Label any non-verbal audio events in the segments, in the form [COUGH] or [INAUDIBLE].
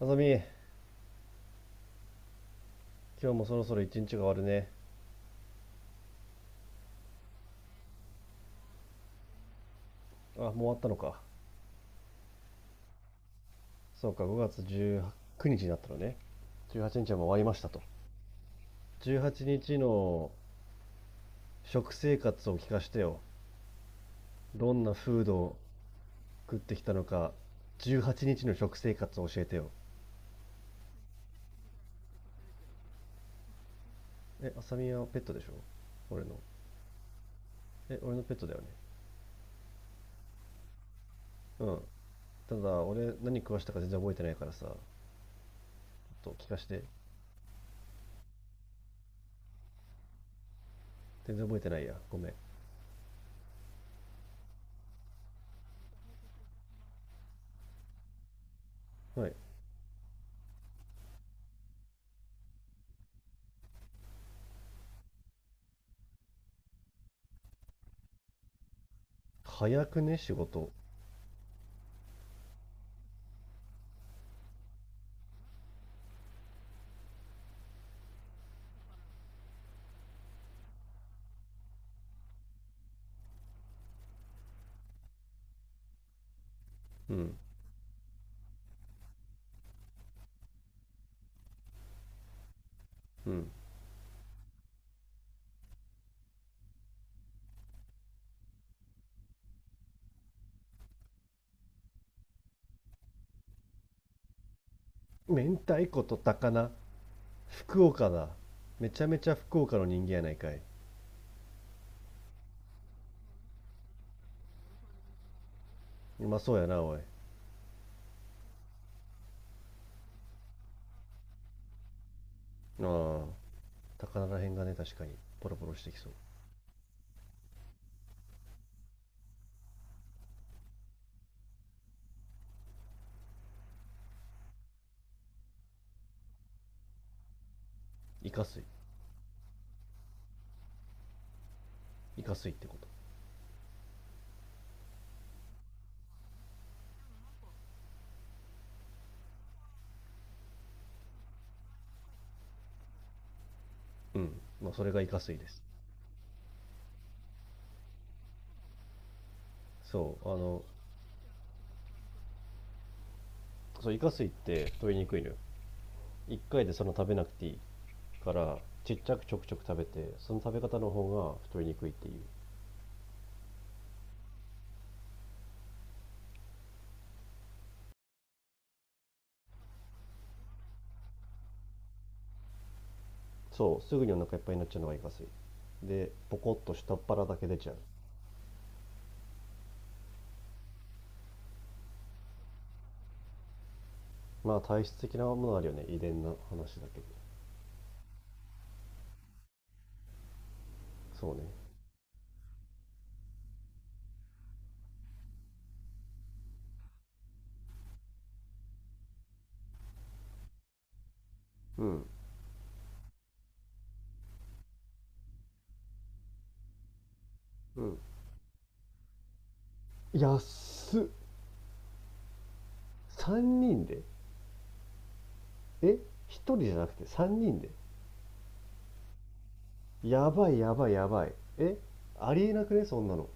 あさみ、今日もそろそろ一日が終わるね。あ、もう終わったのか。そうか、5月19日にちになったのね。18日はちにちはもう終わりましたと。18日の食生活を聞かしてよ。どんなフードを食ってきたのか、18日の食生活を教えてよ。え、あさみはペットでしょ俺の。え、俺のペットだよね。うん。ただ、俺何食わしたか全然覚えてないからさ、と聞かして。全然覚えてないや。ごめん。はい。早くね、仕事。うん。うん。明太子と高菜、福岡だ。めちゃめちゃ福岡の人間やないかい。うまそうやなおい。ああ、高菜らへんがね、確かにポロポロしてきそう。イカ水。イカ水ってこと？うん、まあそれがイカ水です。そう、そうイカ水って太りにくいのよ。1回でその食べなくていいから、ちっちゃくちょくちょく食べて、その食べ方の方が太りにくいっていう。そう、すぐにお腹いっぱいになっちゃうのがイカ水で、ポコッと下っ腹だけ出ちゃう。まあ、体質的なものあるよね、遺伝な話だけど。そうね。うんうん。安っ。3人で？え、1人じゃなくて3人で？やばいやばいやばい、え、ありえなくねそんなの。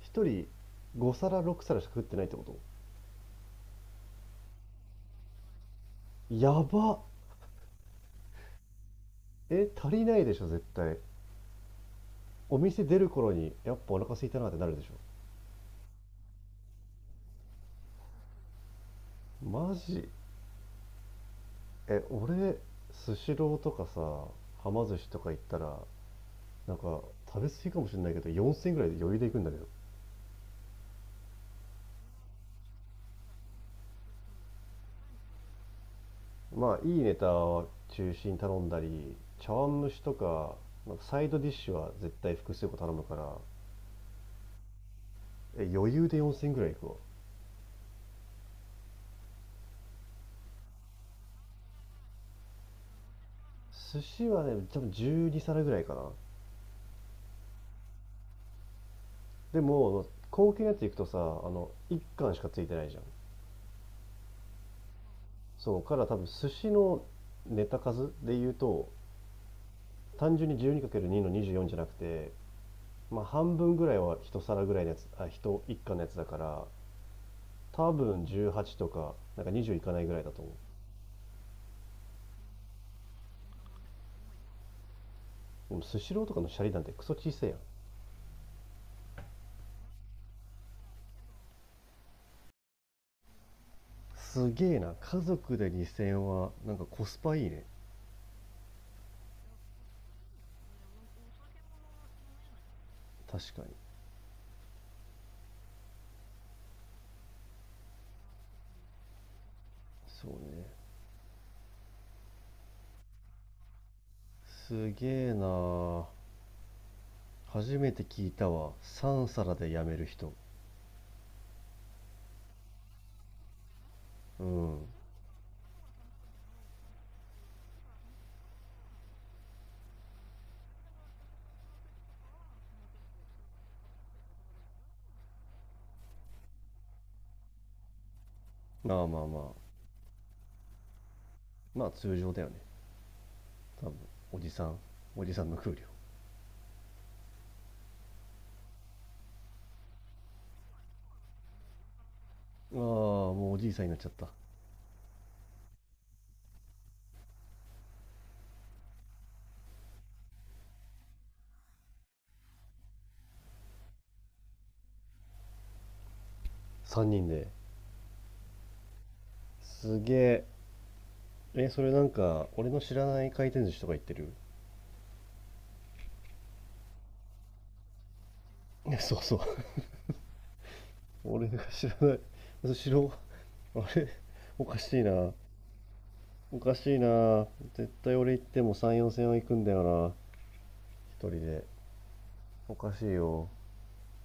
1人5皿6皿しか食ってないってこと？やばっ。え、足りないでしょ絶対。お店出る頃にやっぱお腹空いたなってなるでしょ？マジ？え、俺スシローとかさ、はま寿司とか行ったら、なんか食べ過ぎかもしれないけど4000円ぐらいで余裕で行くんだけど。まあいいネタを中心に頼んだり茶碗蒸しとか、なんかサイドディッシュは絶対複数個頼むから、え、余裕で4000ぐらいいくわ。寿司はね、多分12皿ぐらいかな。でも高級なやつ行くとさ、あの一貫しかついてないじゃん。そうから多分寿司のネタ数で言うと、単純に12かける2の24じゅうよんじゃなくて、まあ、半分ぐらいは1皿ぐらいのやつ、あ1、1貫のやつだから、多分18とかなんか20いかないぐらいだと思う。スシローとかのシャリなんてクソ小さいやん。すげえな、家族で2000はなんかコスパいいね。確かに。そうね。すげえな。初めて聞いたわ、3皿でやめる人。うん。まあまあまあ、まあ通常だよね多分。おじさんおじさんの給量。ああ、もうおじいさんになっちゃった。3人で？すげえ。え、それなんか俺の知らない回転寿司とか言ってる。いや、 [LAUGHS] そうそう。俺が知らないスシロー。 [LAUGHS] あれ、おかしいな。おかしいな。絶対俺行っても3、4戦は行くんだよな。一人で。おかしいよ。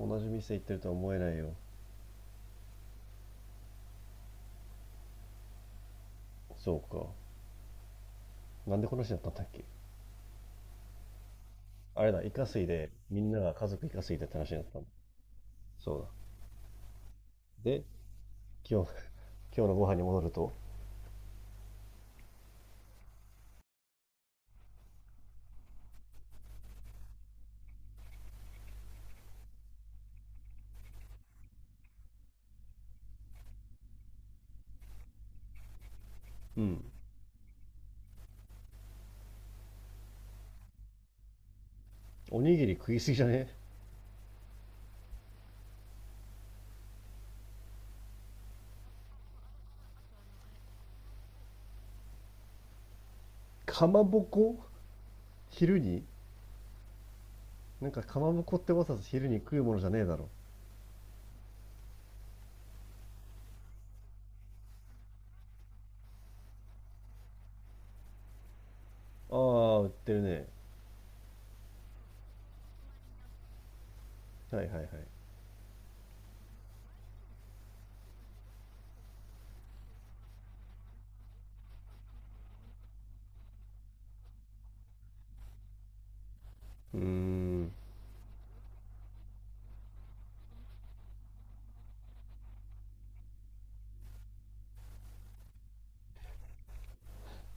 同じ店行ってるとは思えないよ。そうか。なんでこの話だったんだっけ？あれだ、イカスイで、みんなが家族イカスイでって話になったの。そうだ。で、今日、[LAUGHS] 今日のご飯に戻ると、うん。おにぎり食いすぎじゃね？かまぼこ。昼になんかかまぼこってわざわざ昼に食うものじゃねえだろ。ああ、売ってるね。はいはいはい。うーん。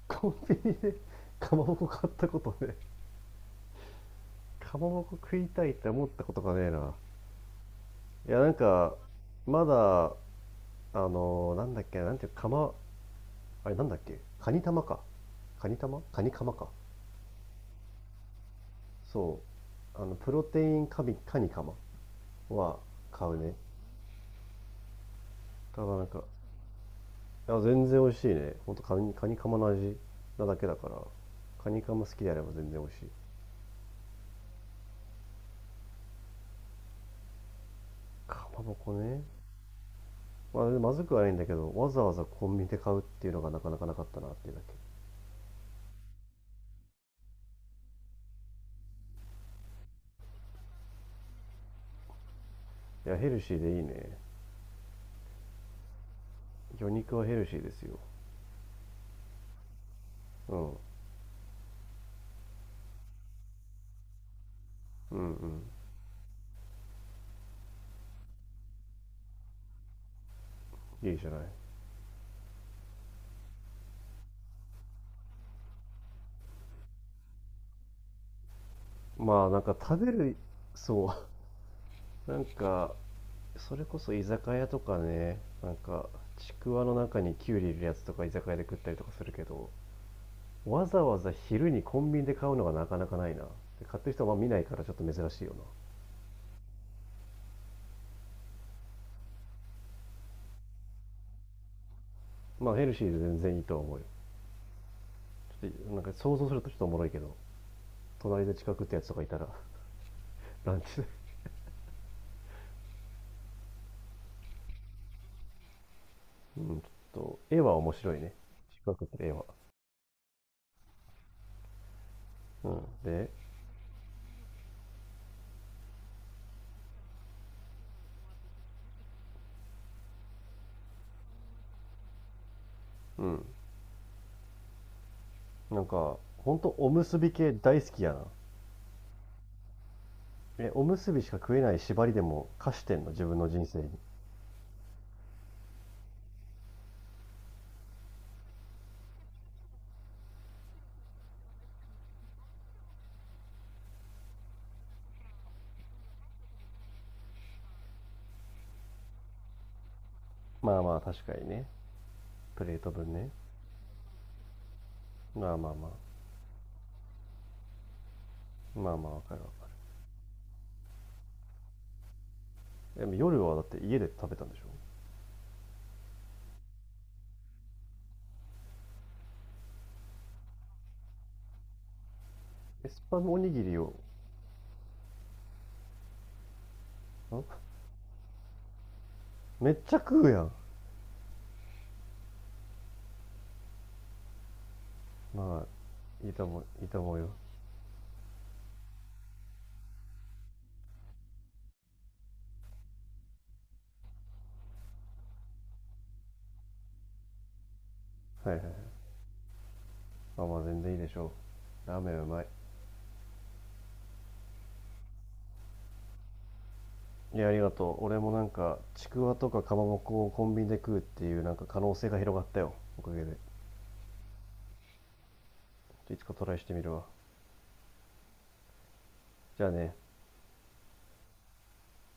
コンビニで [LAUGHS] かまぼこ買ったことね、かまぼこ食いたいって思ったことがねえな。いや、なんか、まだなんだっけ、なんていうか、あれなんだっけ、カニ玉かカニ玉カニカマか。そう、あのプロテインカミカニカマは買うね。ただなんかいや、全然美味しいね、ほんとカニカニカマの味なだけだから。カニカマ好きであれば全然美味しい。かまぼこね、まあ、まずくはないんだけど、わざわざコンビニで買うっていうのがなかなかなかったなっていうだけ。いや、ヘルシーでいいね。魚肉はヘルシーですよ。うん。うんうん。いいじゃない。まあ、なんか食べる、そう。[LAUGHS] なんか、それこそ居酒屋とかね、なんか、ちくわの中にキュウリ入れるやつとか居酒屋で食ったりとかするけど、わざわざ昼にコンビニで買うのがなかなかないな。で、買ってる人はまあ見ないからちょっと珍しいよな。まあ、ヘルシーで全然いいとは思うよ。ちょっと、なんか想像するとちょっとおもろいけど。隣で近くってやつとかいたら、[LAUGHS] ランチで [LAUGHS]。うん、ちょっと、絵は面白いね。近くって絵は。うん。で、うん。なんか、ほんとおむすび系大好きやな。え、おむすびしか食えない縛りでも貸してんの自分の人生に？まあまあ、確かにね。プレート分ね。まあまあまあ。まあまあ、わかるわかる。でも夜はだって家で食べたんでしょ？エスパムおにぎりを。めっちゃ食うやん。まあ、いいと思う、いいと思うよ。はいはいはい。まあまあ、全然いいでしょう。ラーメンうまい。いや、ありがとう。俺もなんか、ちくわとかかまぼこをコンビニで食うっていうなんか可能性が広がったよ。おかげで。いつかトライしてみるわ。じゃあね。